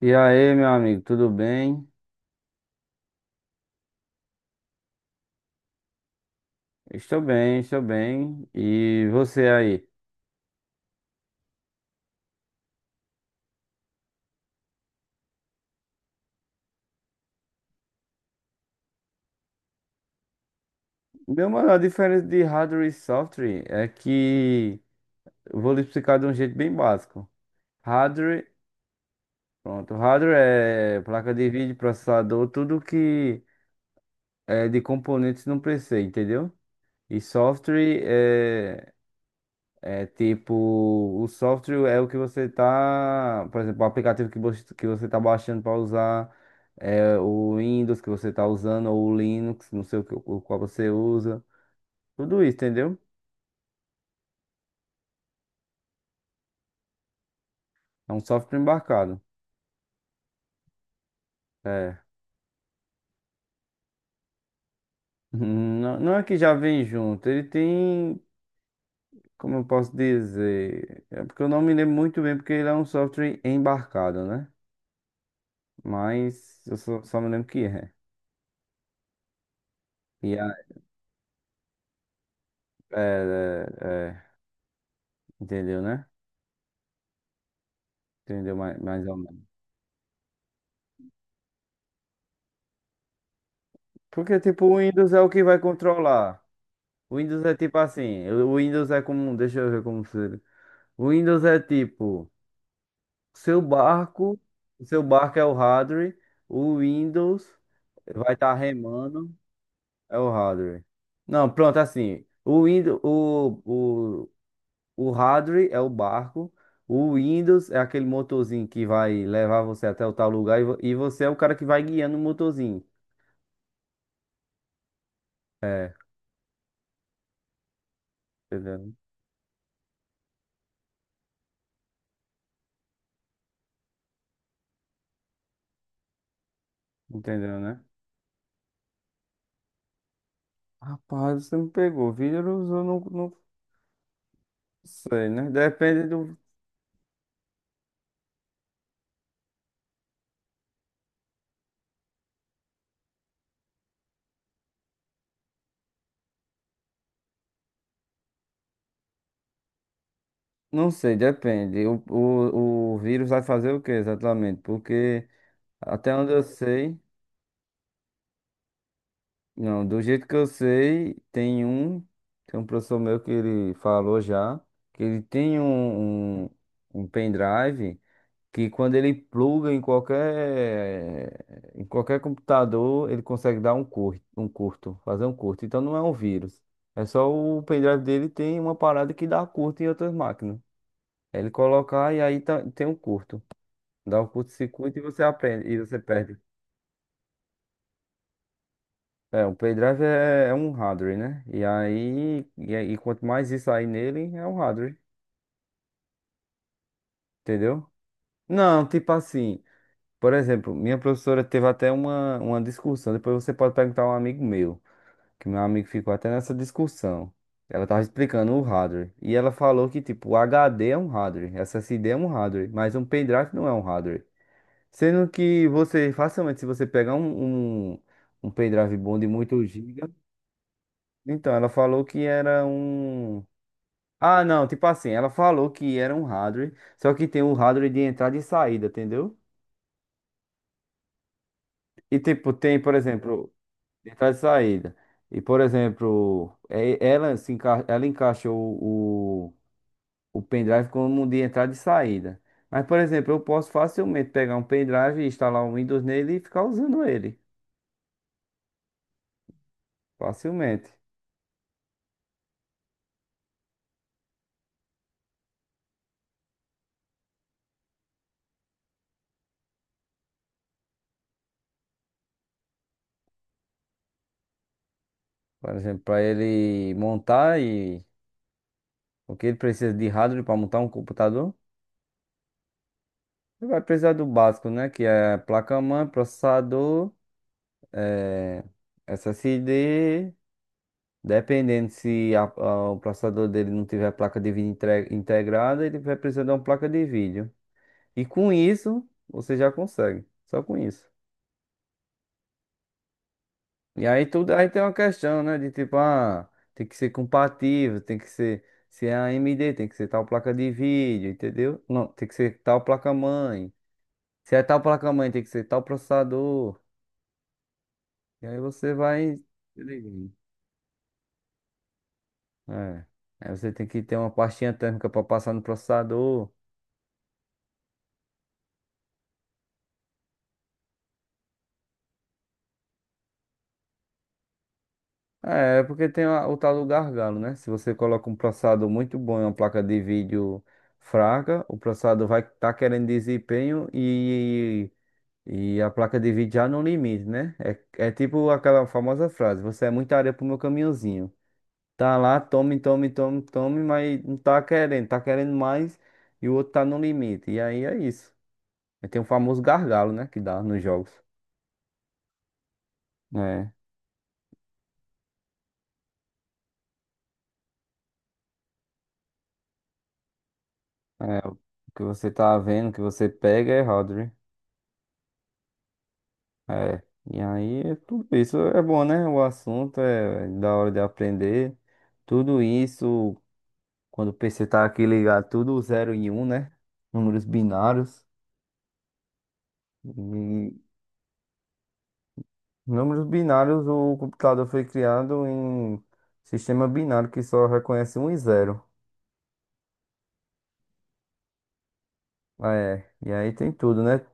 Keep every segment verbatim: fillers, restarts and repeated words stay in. E aí, meu amigo, tudo bem? Estou bem, estou bem. E você aí? Meu mano, a diferença de hardware e software é que eu vou lhe explicar de um jeito bem básico. Hardware, pronto, hardware é placa de vídeo, processador, tudo que é de componentes num P C, entendeu? E software é É tipo, o software é o que você tá, por exemplo, o aplicativo que você que você tá baixando para usar, é o Windows que você tá usando ou o Linux, não sei o, que, o qual você usa. Tudo isso, entendeu? É um software embarcado. É. Não, não é que já vem junto, ele tem, como eu posso dizer, é porque eu não me lembro muito bem porque ele é um software embarcado, né? Mas eu só, só me lembro que é. E a- é, é, é, entendeu, né? Entendeu mais, mais ou menos. Porque, tipo, o Windows é o que vai controlar. O Windows é tipo assim, o Windows é como, deixa eu ver como se. O Windows é tipo, seu barco, o seu barco é o hardware, o Windows vai estar remando, é o hardware. Não, pronto, assim, o Windows, o, o, o hardware é o barco, o Windows é aquele motorzinho que vai levar você até o tal lugar e, vo- e você é o cara que vai guiando o motorzinho. É, entendeu? Entendeu, né? Rapaz, você me pegou. Vírus eu não, não sei, né? Depende do. Não sei, depende. O, o, o vírus vai fazer o que exatamente? Porque até onde eu sei, não, do jeito que eu sei, tem um, tem um professor meu que ele falou já, que ele tem um, um, um pendrive, que quando ele pluga em qualquer em qualquer computador, ele consegue dar um curto, um curto, fazer um curto. Então não é um vírus. É só o pendrive dele tem uma parada que dá curto em outras máquinas. É Ele colocar e aí tá- tem um curto. Dá um curto-circuito e você aprende e você perde. É, o pendrive é, é um hardware, né? E aí, e, aí- e quanto mais isso aí nele, é um hardware, entendeu? Não, tipo assim, por exemplo, minha professora teve até uma, uma discussão, depois você pode perguntar a um amigo meu. Que meu amigo ficou até nessa discussão. Ela tava explicando o hardware. E ela falou que, tipo, o H D é um hardware, S S D é um hardware, mas um pendrive não é um hardware. Sendo que você, facilmente, se você pegar um, um, um pendrive bom de muito giga. Então, ela falou que era um. Ah, não, tipo assim, ela falou que era um hardware, só que tem um hardware de entrada e saída, entendeu? E, tipo, tem, por exemplo, entrada e saída. E, por exemplo, é- ela, se enca... ela encaixou o. o pendrive como de entrada e saída. Mas, por exemplo, eu posso facilmente pegar um pendrive e instalar um Windows nele e ficar usando ele. Facilmente. Por exemplo, para ele montar e o que ele precisa de hardware para montar um computador, ele vai precisar do básico, né? Que é placa-mãe, processador, eh, S S D. Dependendo se a- a- o processador dele não tiver placa de vídeo entre- integrada, ele vai precisar de uma placa de vídeo. E com isso, você já consegue. Só com isso. E aí tudo aí tem uma questão, né? De tipo, ah, tem que ser compatível, tem que ser se é A M D, tem que ser tal placa de vídeo, entendeu? Não, tem que ser tal placa-mãe. Se é tal placa-mãe, tem que ser tal processador. E aí você vai. Entendi. É. Aí você tem que ter uma pastinha térmica para passar no processador. É, é porque tem a- o tal do gargalo, né? Se você coloca um processador muito bom e uma placa de vídeo fraca, o processador vai estar querendo desempenho e E a placa de vídeo já no limite, né? É, é tipo aquela famosa frase: você é muita areia pro meu caminhãozinho. Tá lá, tome, tome, tome, tome, mas não tá querendo, tá querendo mais e o outro tá no limite. E aí é isso. Aí tem o famoso gargalo, né? Que dá nos jogos. É, é, o que você tá vendo, o que você pega é errado, né? É. E aí, é tudo isso é bom, né? O assunto é da hora de aprender. Tudo isso. Quando o P C tá aqui ligado, tudo zero e um, né? Números binários. E números binários, o computador foi criado em sistema binário que só reconhece um e zero. É, e aí tem tudo, né?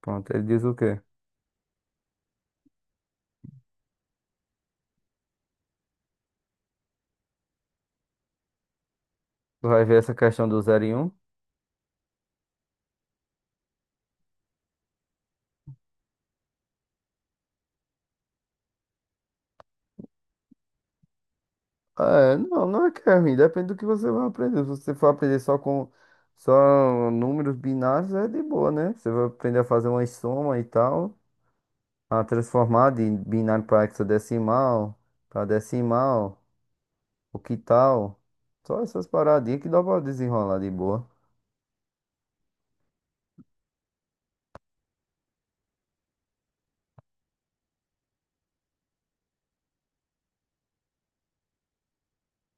Pronto, ele diz o quê? Tu vai ver essa questão do zero e um? Ah, é, não, não é que é ruim, depende do que você vai aprender. Se você for aprender só com só números binários, é de boa, né? Você vai aprender a fazer uma soma e tal, a transformar de binário para hexadecimal, para decimal, o que tal? Só essas paradinhas que dá pra desenrolar de boa.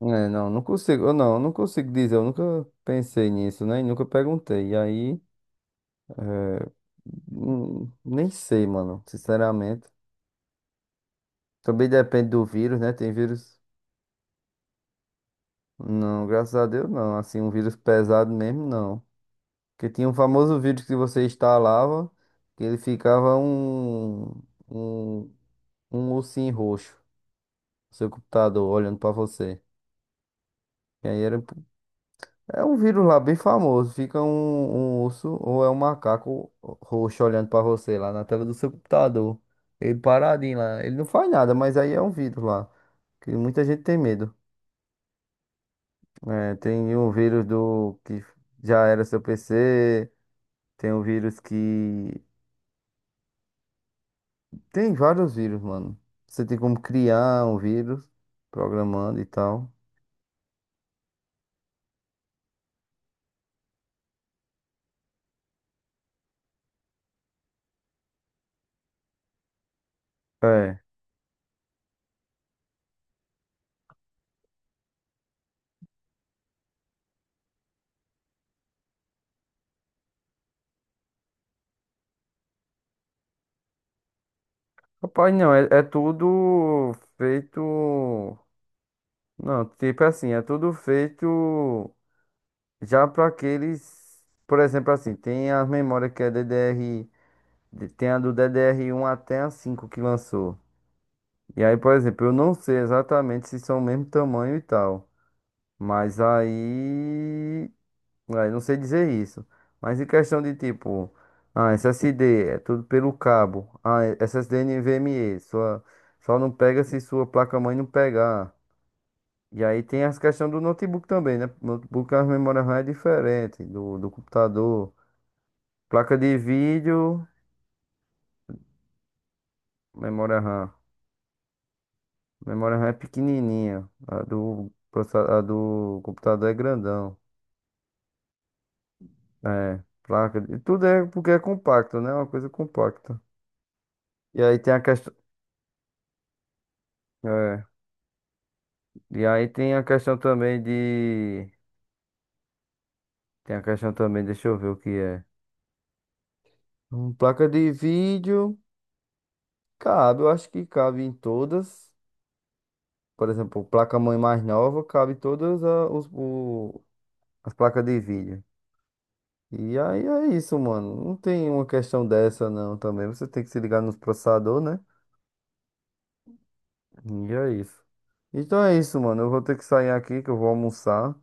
É, não, não consigo, eu não, não consigo dizer, eu nunca pensei nisso, né? E nunca perguntei. E aí, hum, nem sei, mano, sinceramente. Também depende do vírus, né? Tem vírus. Não, graças a Deus não. Assim, um vírus pesado mesmo, não. Porque tinha um famoso vírus que você instalava, que ele ficava um, um, um ursinho roxo. Seu computador olhando pra você. E aí era, é um vírus lá bem famoso. Fica um, um urso ou é um macaco roxo olhando pra você lá na tela do seu computador. Ele paradinho lá. Ele não faz nada, mas aí é um vírus lá. Que muita gente tem medo. É, tem um vírus do que já era seu P C. Tem um vírus que. Tem vários vírus, mano. Você tem como criar um vírus programando e tal. É. Rapaz, não, é, é tudo feito. Não, tipo assim, é tudo feito já para aqueles, por exemplo, assim, tem as memórias que é D D R, de- tem a do D D R um até a cinco que lançou. E aí, por exemplo, eu não sei exatamente se são o mesmo tamanho e tal, mas aí, aí não sei dizer isso. Mas em questão de tipo, ah, S S D é tudo pelo cabo, ah, S S D NVMe, sua, só não pega se sua placa-mãe não pegar. E aí tem as questões do notebook também, né? Notebook, a memória RAM é diferente do, do computador. Placa de vídeo, memória RAM. Memória RAM é pequenininha. A do, processa- a do computador é grandão. É, placa de. Tudo é porque é compacto, né? Uma coisa compacta. E aí tem a questão. É. E aí tem a questão também de. Tem a questão também, deixa eu ver o que é. Hum, Placa de vídeo, cabe, eu acho que cabe em todas. Por exemplo, placa-mãe mais nova cabe todas a- os, o- as placas de vídeo. E aí é isso, mano. Não tem uma questão dessa, não, também. Você tem que se ligar nos processador, né? E é isso. Então é isso, mano. Eu vou ter que sair aqui que eu vou almoçar.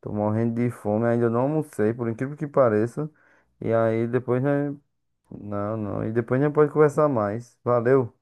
Tô morrendo de fome, ainda não almocei, por incrível que pareça. E aí depois, né? Não, não. E depois a gente pode conversar mais. Valeu.